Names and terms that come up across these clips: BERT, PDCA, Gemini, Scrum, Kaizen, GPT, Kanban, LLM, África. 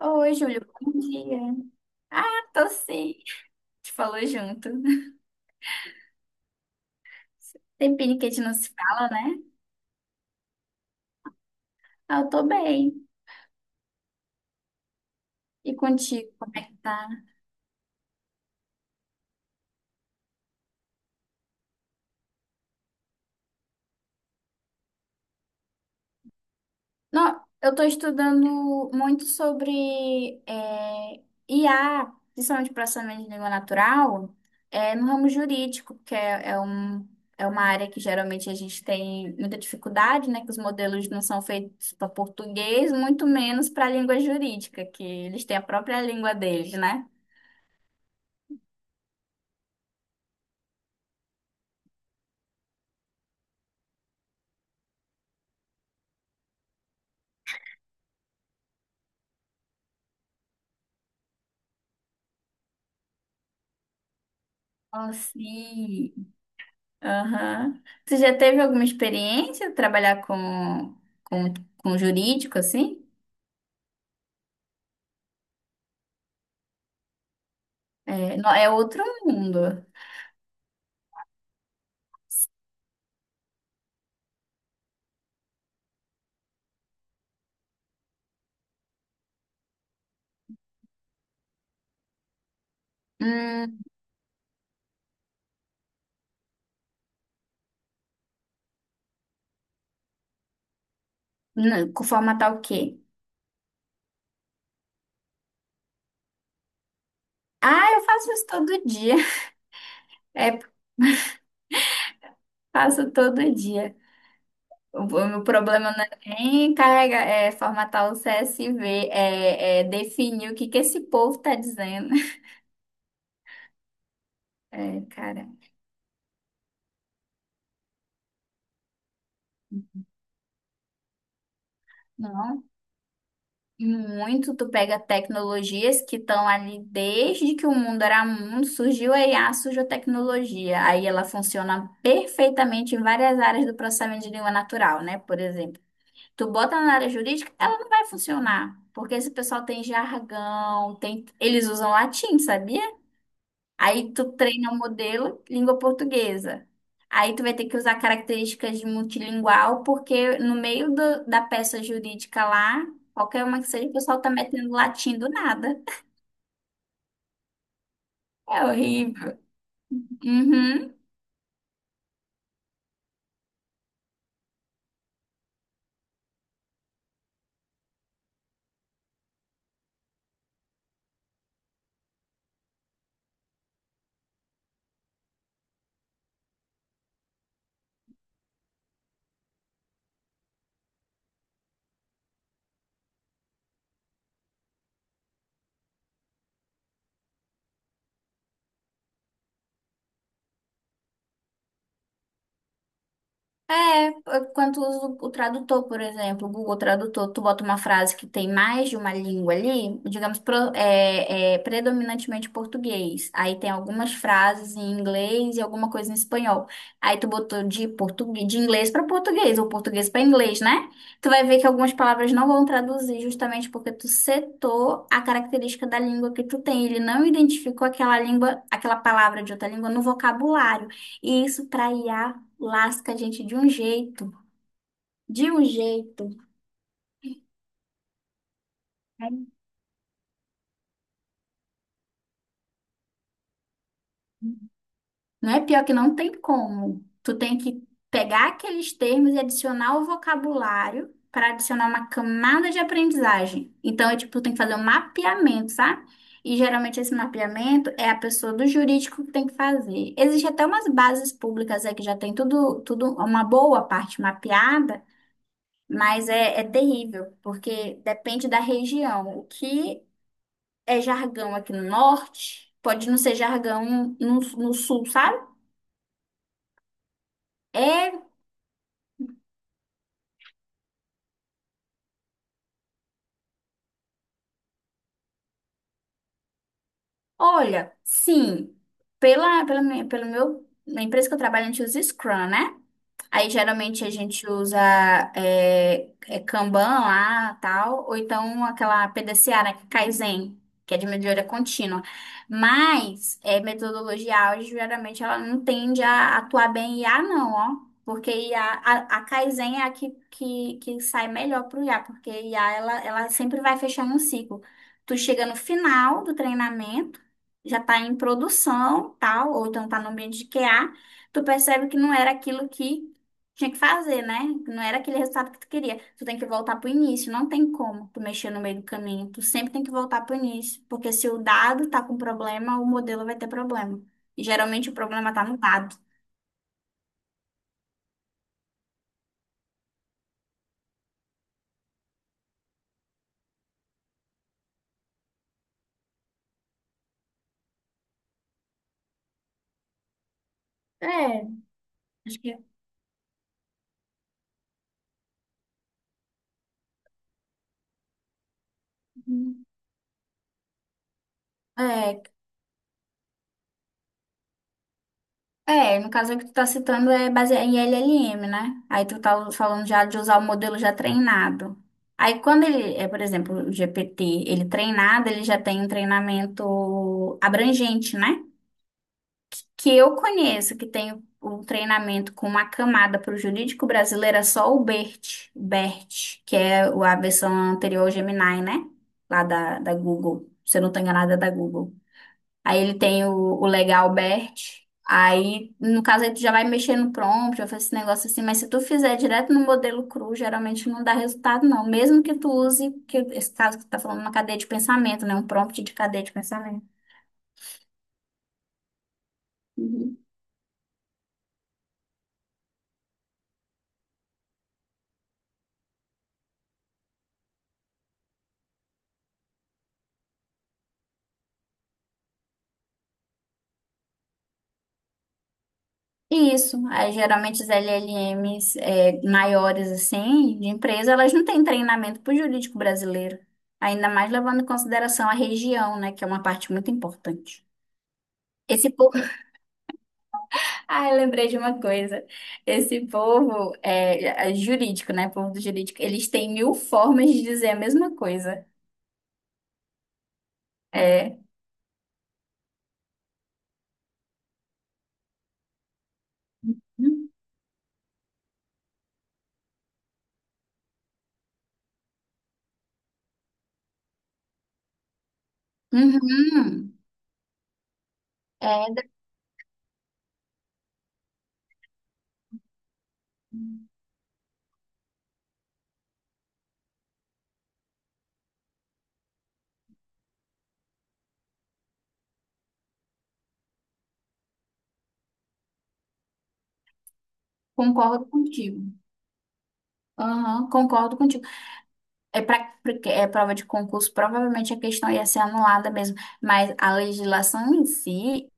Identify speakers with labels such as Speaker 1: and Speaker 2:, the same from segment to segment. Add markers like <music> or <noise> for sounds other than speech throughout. Speaker 1: Oi, Júlio, bom dia. Ah, tô sim. Te falou junto. Tempinho que a gente não se fala, né? Ah, eu tô bem. E contigo, como é que tá? Não, eu tô estudando muito sobre é, IA, principalmente processamento de língua natural, no ramo jurídico, porque é uma área que geralmente a gente tem muita dificuldade, né? Que os modelos não são feitos para português, muito menos para a língua jurídica, que eles têm a própria língua deles, né? Oh, sim. Aham. Você já teve alguma experiência trabalhar com, com jurídico, assim? É, não, é outro mundo. Hum, não, com formatar o quê? Ah, eu faço isso todo dia. <laughs> É, faço todo dia. O meu problema não é nem carregar, é formatar o CSV, é definir o que que esse povo tá dizendo. <laughs> É, cara. Não. Muito, tu pega tecnologias que estão ali desde que o mundo era mundo, surgiu a IA, surgiu a tecnologia. Aí ela funciona perfeitamente em várias áreas do processamento de língua natural, né? Por exemplo, tu bota na área jurídica, ela não vai funcionar, porque esse pessoal tem jargão, tem... eles usam latim, sabia? Aí tu treina o modelo língua portuguesa. Aí tu vai ter que usar características de multilingual, porque no meio da peça jurídica lá, qualquer uma que seja, o pessoal tá metendo latim do nada. É horrível. Uhum. É, é, Quando tu usa o tradutor, por exemplo, o Google Tradutor, tu bota uma frase que tem mais de uma língua ali, digamos, predominantemente português. Aí tem algumas frases em inglês e alguma coisa em espanhol. Aí tu botou de português, de inglês para português, ou português para inglês, né? Tu vai ver que algumas palavras não vão traduzir justamente porque tu setou a característica da língua que tu tem. Ele não identificou aquela língua, aquela palavra de outra língua no vocabulário. E isso para IA lasca a gente de um jeito, de um jeito. Não é pior que não tem como. Tu tem que pegar aqueles termos e adicionar o vocabulário para adicionar uma camada de aprendizagem. Então, é tipo, tu tem que fazer um mapeamento, sabe? E geralmente esse mapeamento é a pessoa do jurídico que tem que fazer. Existe até umas bases públicas aí que já tem tudo, tudo uma boa parte mapeada, mas é terrível, porque depende da região. O que é jargão aqui no norte, pode não ser jargão no sul, sabe? É, olha, sim, pela, pela, minha- pelo meu, na empresa que eu trabalho, a gente usa Scrum, né? Aí geralmente a gente usa é Kanban lá, tal, ou então aquela PDCA, né, que é Kaizen, que é de melhoria contínua. Mas metodologia ágil, geralmente ela não tende a atuar bem em IA, não, ó. Porque IA, a Kaizen é a que sai melhor para o IA, porque IA ela sempre vai fechando um ciclo. Tu chega no final do treinamento, já está em produção, tal, ou então está no ambiente de QA, tu percebe que não era aquilo que tinha que fazer, né? Não era aquele resultado que tu queria. Tu tem que voltar pro início, não tem como tu mexer no meio do caminho. Tu sempre tem que voltar pro início, porque se o dado tá com problema, o modelo vai ter problema. E geralmente o problema tá no dado. É. Acho que é, no caso que tu tá citando é baseado em LLM, né? Aí tu tá falando já de usar o modelo já treinado. Aí quando ele, por exemplo, o GPT, ele treinado, ele já tem um treinamento abrangente, né? Que eu conheço, que tem um treinamento com uma camada para o jurídico brasileiro, é só o BERT, que é a versão anterior ao Gemini, né? Lá da Google. Se eu não estou enganada, é da Google. Aí ele tem o legal BERT. Aí, no caso, aí tu já vai mexer no prompt, já faz esse negócio assim, mas se tu fizer direto no modelo cru, geralmente não dá resultado, não. Mesmo que tu use, que esse caso que tu tá falando, uma cadeia de pensamento, né? Um prompt de cadeia de pensamento. Isso, aí, geralmente as LLMs maiores assim, de empresa, elas não têm treinamento para o jurídico brasileiro, ainda mais levando em consideração a região, né, que é uma parte muito importante. Esse povo, <laughs> ah, eu lembrei de uma coisa, esse povo é jurídico, né, povo do jurídico, eles têm mil formas de dizer a mesma coisa. É, uhum, é, concordo contigo. Aham, concordo contigo. É para prova de concurso, provavelmente a questão ia ser anulada mesmo, mas a legislação em si,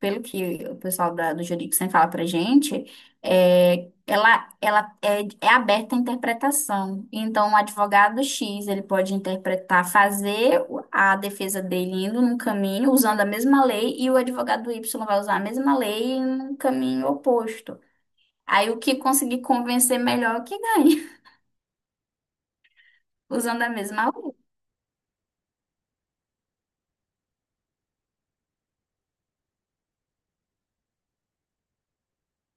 Speaker 1: pelo que o pessoal do jurídico sempre fala para gente, ela é aberta à interpretação. Então, o advogado X ele pode interpretar, fazer a defesa dele indo num caminho usando a mesma lei, e o advogado Y vai usar a mesma lei em um caminho oposto. Aí, o que conseguir convencer melhor é o que ganha, <laughs> usando a mesma lei.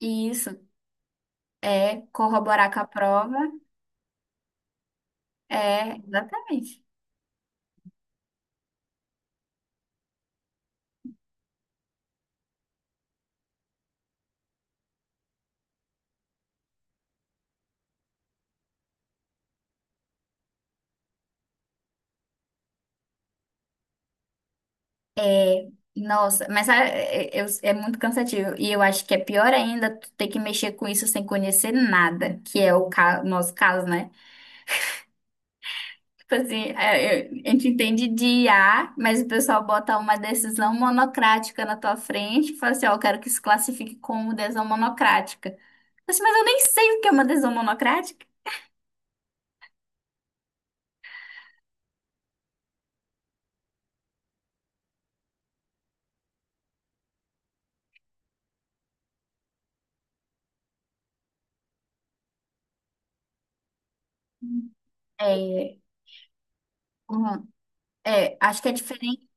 Speaker 1: Isso. É corroborar com a prova. É, exatamente. É, nossa, mas ah, é muito cansativo. E eu acho que é pior ainda tu ter que mexer com isso sem conhecer nada, que é o nosso caso, né? Tipo assim, a gente entende de I A mas o pessoal bota uma decisão monocrática na tua frente e fala assim, ó, eu quero que se classifique como decisão monocrática. Eu disse, Mas eu nem sei o que é uma decisão monocrática. É, hum, acho que é diferente.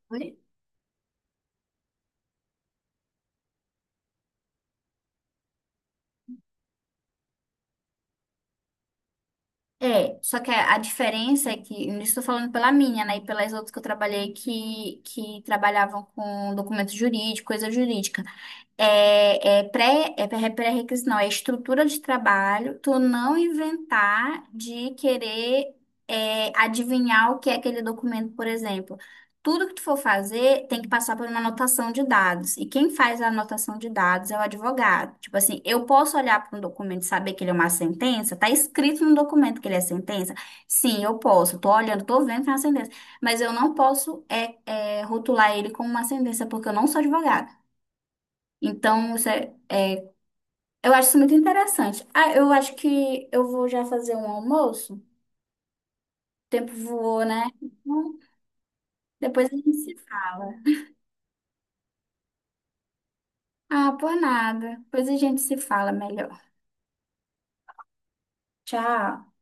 Speaker 1: É, só que a diferença é que, não estou falando pela minha, né, e pelas outras que eu trabalhei que trabalhavam com documento jurídico, coisa jurídica. É pré-requisito, não, é estrutura de trabalho, tu não inventar de querer adivinhar o que é aquele documento, por exemplo. Tudo que tu for fazer tem que passar por uma anotação de dados. E quem faz a anotação de dados é o advogado. Tipo assim, eu posso olhar para um documento e saber que ele é uma sentença? Tá escrito no documento que ele é sentença? Sim, eu posso. Tô olhando, tô vendo que é uma sentença. Mas eu não posso rotular ele como uma sentença, porque eu não sou advogada. Então, eu acho isso muito interessante. Ah, eu acho que eu vou já fazer um almoço. O tempo voou, né? Então, Depois a gente se fala. Ah, por nada. Depois a gente se fala melhor. Tchau.